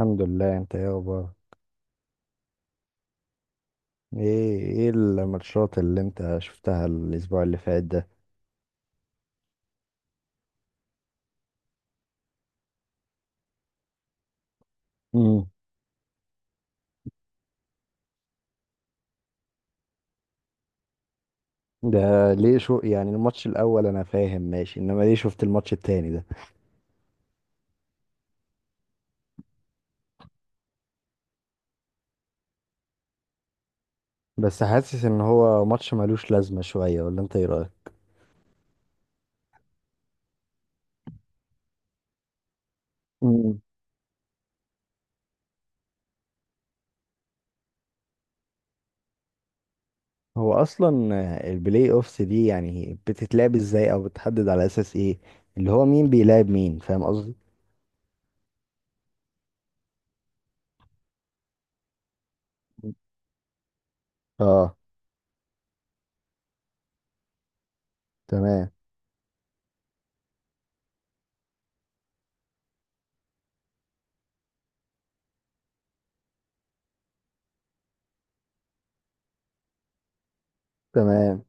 الحمد لله، انت ايه اخبارك؟ ايه الماتشات اللي انت شفتها الاسبوع اللي فات ده؟ امم. ده ليه شو يعني الماتش الاول؟ انا فاهم ماشي، انما ليه شفت الماتش التاني ده؟ بس حاسس ان هو ماتش ملوش لازمة شوية، ولا انت ايه رأيك؟ امم. هو اصلا البلاي اوفس دي يعني بتتلعب ازاي، او بتحدد على اساس ايه؟ اللي هو مين بيلعب مين، فاهم قصدي؟ اه. تمام، تمام.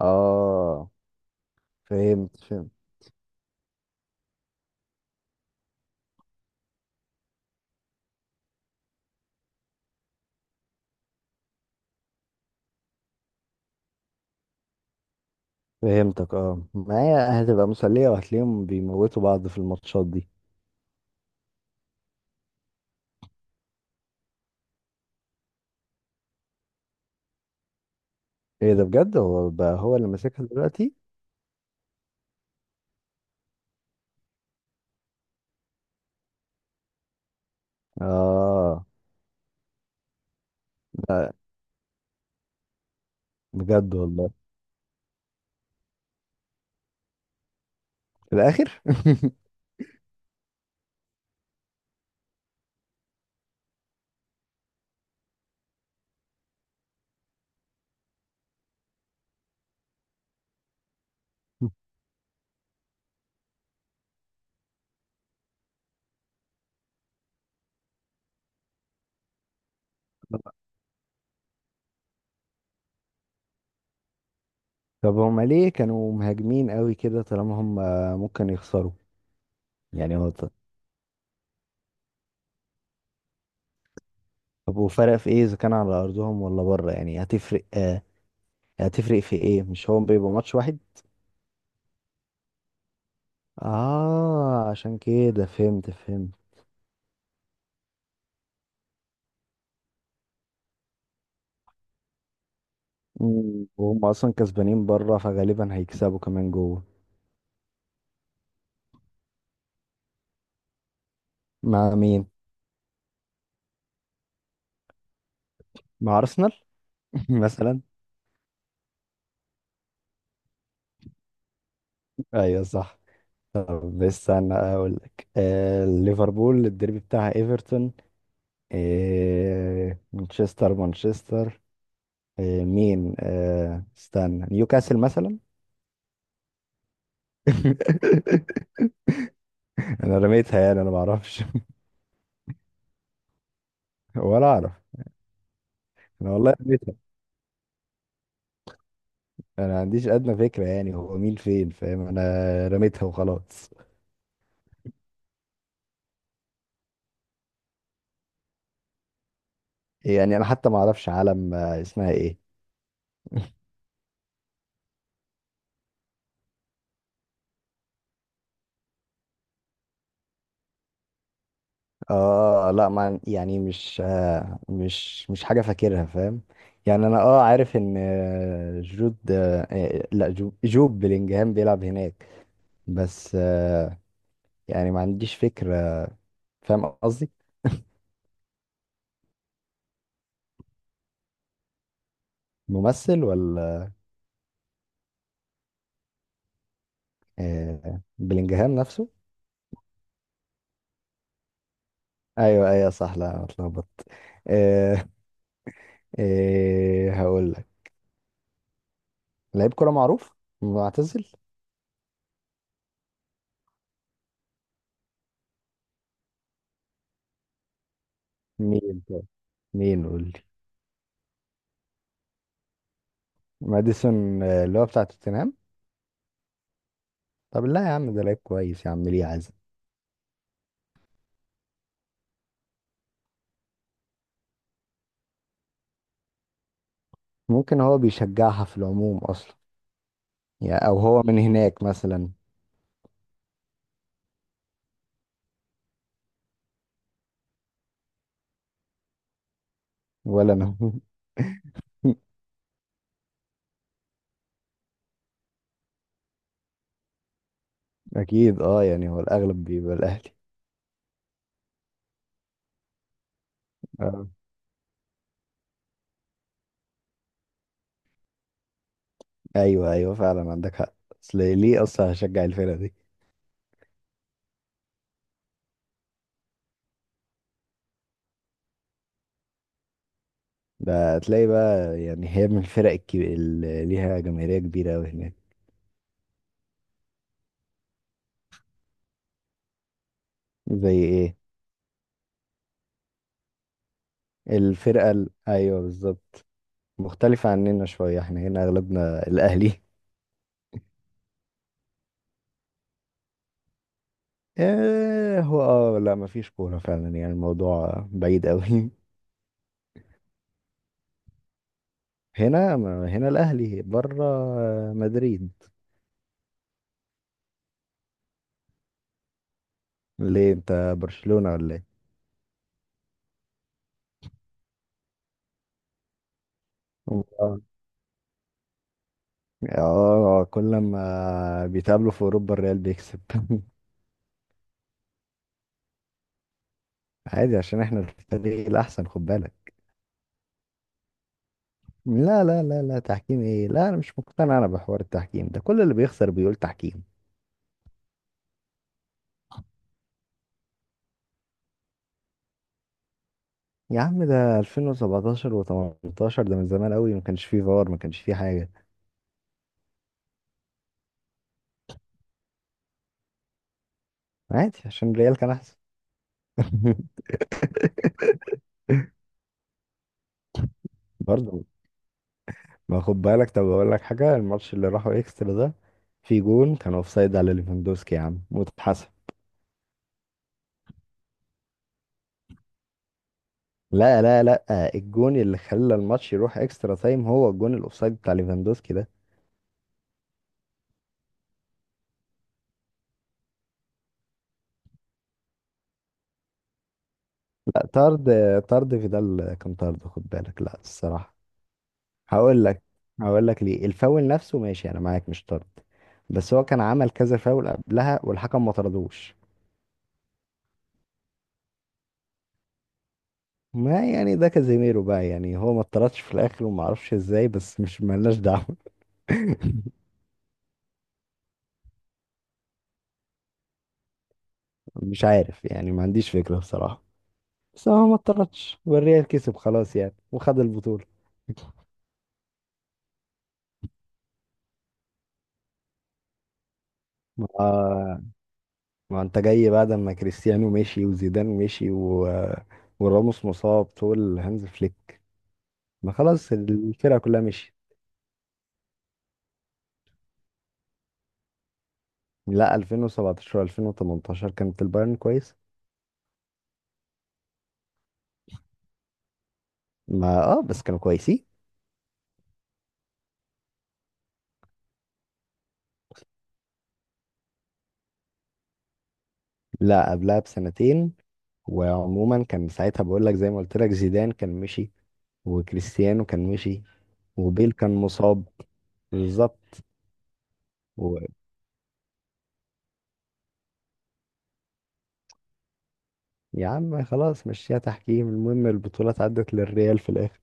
اه. فهمت، فهمت. فهمتك، اه، ما هي هتبقى مسلية وهتلاقيهم بيموتوا بعض في الماتشات دي. ايه ده بجد، هو بقى هو اللي ماسكها دلوقتي؟ اه. لا. بجد والله؟ في الاخر. طب هما ليه كانوا مهاجمين قوي كده طالما هم ممكن يخسروا؟ يعني هو طب وفرق في ايه اذا كان على ارضهم ولا بره؟ يعني هتفرق آه، هتفرق في ايه؟ مش هو بيبقى ماتش واحد؟ اه، عشان كده فهمت، فهمت. وهم اصلا كسبانين بره، فغالبا هيكسبوا كمان جوه. مع مين؟ مع أرسنال. مثلا؟ أيوه، صح. طب استنى أقول لك، ليفربول الديربي بتاعها إيفرتون. آه، مانشستر، مانشستر. آه، مين؟ استنى نيوكاسل مثلا؟ أنا رميتها يعني، أنا معرفش. ولا أعرف. أنا والله رميتها. أنا ما عنديش أدنى فكرة يعني هو مين فين، فاهم؟ أنا رميتها وخلاص. يعني أنا حتى ما أعرفش علم، اسمها إيه. اه، لا، ما يعني مش مش حاجة فاكرها، فاهم؟ يعني انا عارف ان جود، لا، جوب بلينجهام بيلعب هناك. بس، يعني ما عنديش فكرة، فاهم قصدي؟ ممثل ولا؟ آه، بلينجهام نفسه؟ ايوه، ايوه، صح، لا أنا اتلخبطت. آه. هقول لك. لعيب كرة معروف. معتزل. مين طيب؟ مين؟ قول لي. ماديسون، اللي هو بتاع توتنهام. طب لا يا عم، ده لعيب كويس يا عم، ليه عزم؟ ممكن هو بيشجعها في العموم اصلا. يعني او هو من هناك مثلا. ولا انا. اكيد اه، يعني هو الاغلب بيبقى الاهلي. آه. ايوه، ايوه، فعلا عندك حق. اصل ليه اصلا هشجع الفرقه دي؟ ده تلاقي بقى، يعني هي من الفرق الكبيرة اللي ليها جماهيريه كبيره قوي هناك؟ زي ايه؟ الفرقه ايوه، بالظبط. مختلفه عننا شويه، احنا هنا اغلبنا الاهلي. آه، هو لا، مفيش كورة فعلا، يعني الموضوع بعيد قوي. هنا هنا الأهلي، بره مدريد. ليه، انت برشلونة ولا ايه؟ اه. كل ما بيتقابلوا في أوروبا الريال بيكسب. عادي عشان احنا الفريق الأحسن، خد بالك. لا، لا، لا، لا، تحكيم ايه؟ لا انا مش مقتنع، انا بحوار التحكيم ده كل اللي بيخسر بيقول تحكيم. يا عم ده 2017 و18، ده من زمان قوي، ما كانش فيه فار، ما كانش فيه حاجة. عادي عشان الريال كان أحسن. برضه. ما خد بالك، طب اقول لك حاجه، الماتش اللي راحوا اكسترا ده في جون كان اوفسايد على ليفاندوسكي يا عم واتحسب. لا، لا، لا، الجون اللي خلى الماتش يروح اكسترا تايم هو الجون الاوفسايد بتاع ليفاندوسكي ده. لا، طرد، طرد فيدال كان طرد خد بالك، لا الصراحه. هقول لك، هقول لك ليه، الفاول نفسه ماشي انا معاك مش طرد. بس هو كان عمل كذا فاول قبلها والحكم ما طردوش. ما يعني ده كازيميرو بقى، يعني هو ما اتطردش في الاخر وما اعرفش ازاي، بس مش ملناش دعوه. مش عارف، يعني ما عنديش فكرة بصراحة. بس هو ما اتطردش والريال كسب خلاص يعني، وخد البطولة. ما ما انت جاي بعد ما كريستيانو مشي وزيدان مشي وراموس مصاب، تقول هانز فليك؟ ما خلاص الفرقة كلها مشيت. لا، 2017 2018 كانت البايرن كويس. ما، اه، بس كانوا كويسين. لا، قبلها بسنتين. وعموما كان ساعتها، بقول لك زي ما قلت لك، زيدان كان مشي، وكريستيانو كان مشي، وبيل كان مصاب. بالظبط. يا عم خلاص، مشيها تحكيم، المهم البطولة عدت للريال في الآخر.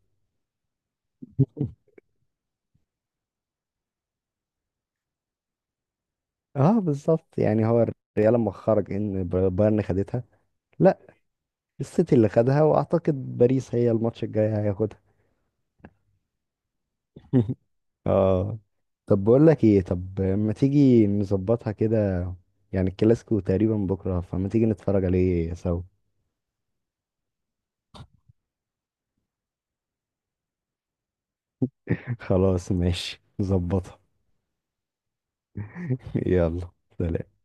اه، بالظبط، يعني هو الريال لما خرج ان بايرن خدتها، لا، السيتي اللي خدها، واعتقد باريس هي الماتش الجاي هياخدها. اه. طب بقول لك ايه، طب ما تيجي نظبطها كده؟ يعني الكلاسيكو تقريبا بكرة، فما تيجي نتفرج عليه سوا؟ خلاص ماشي، نظبطها. يلا. سلام.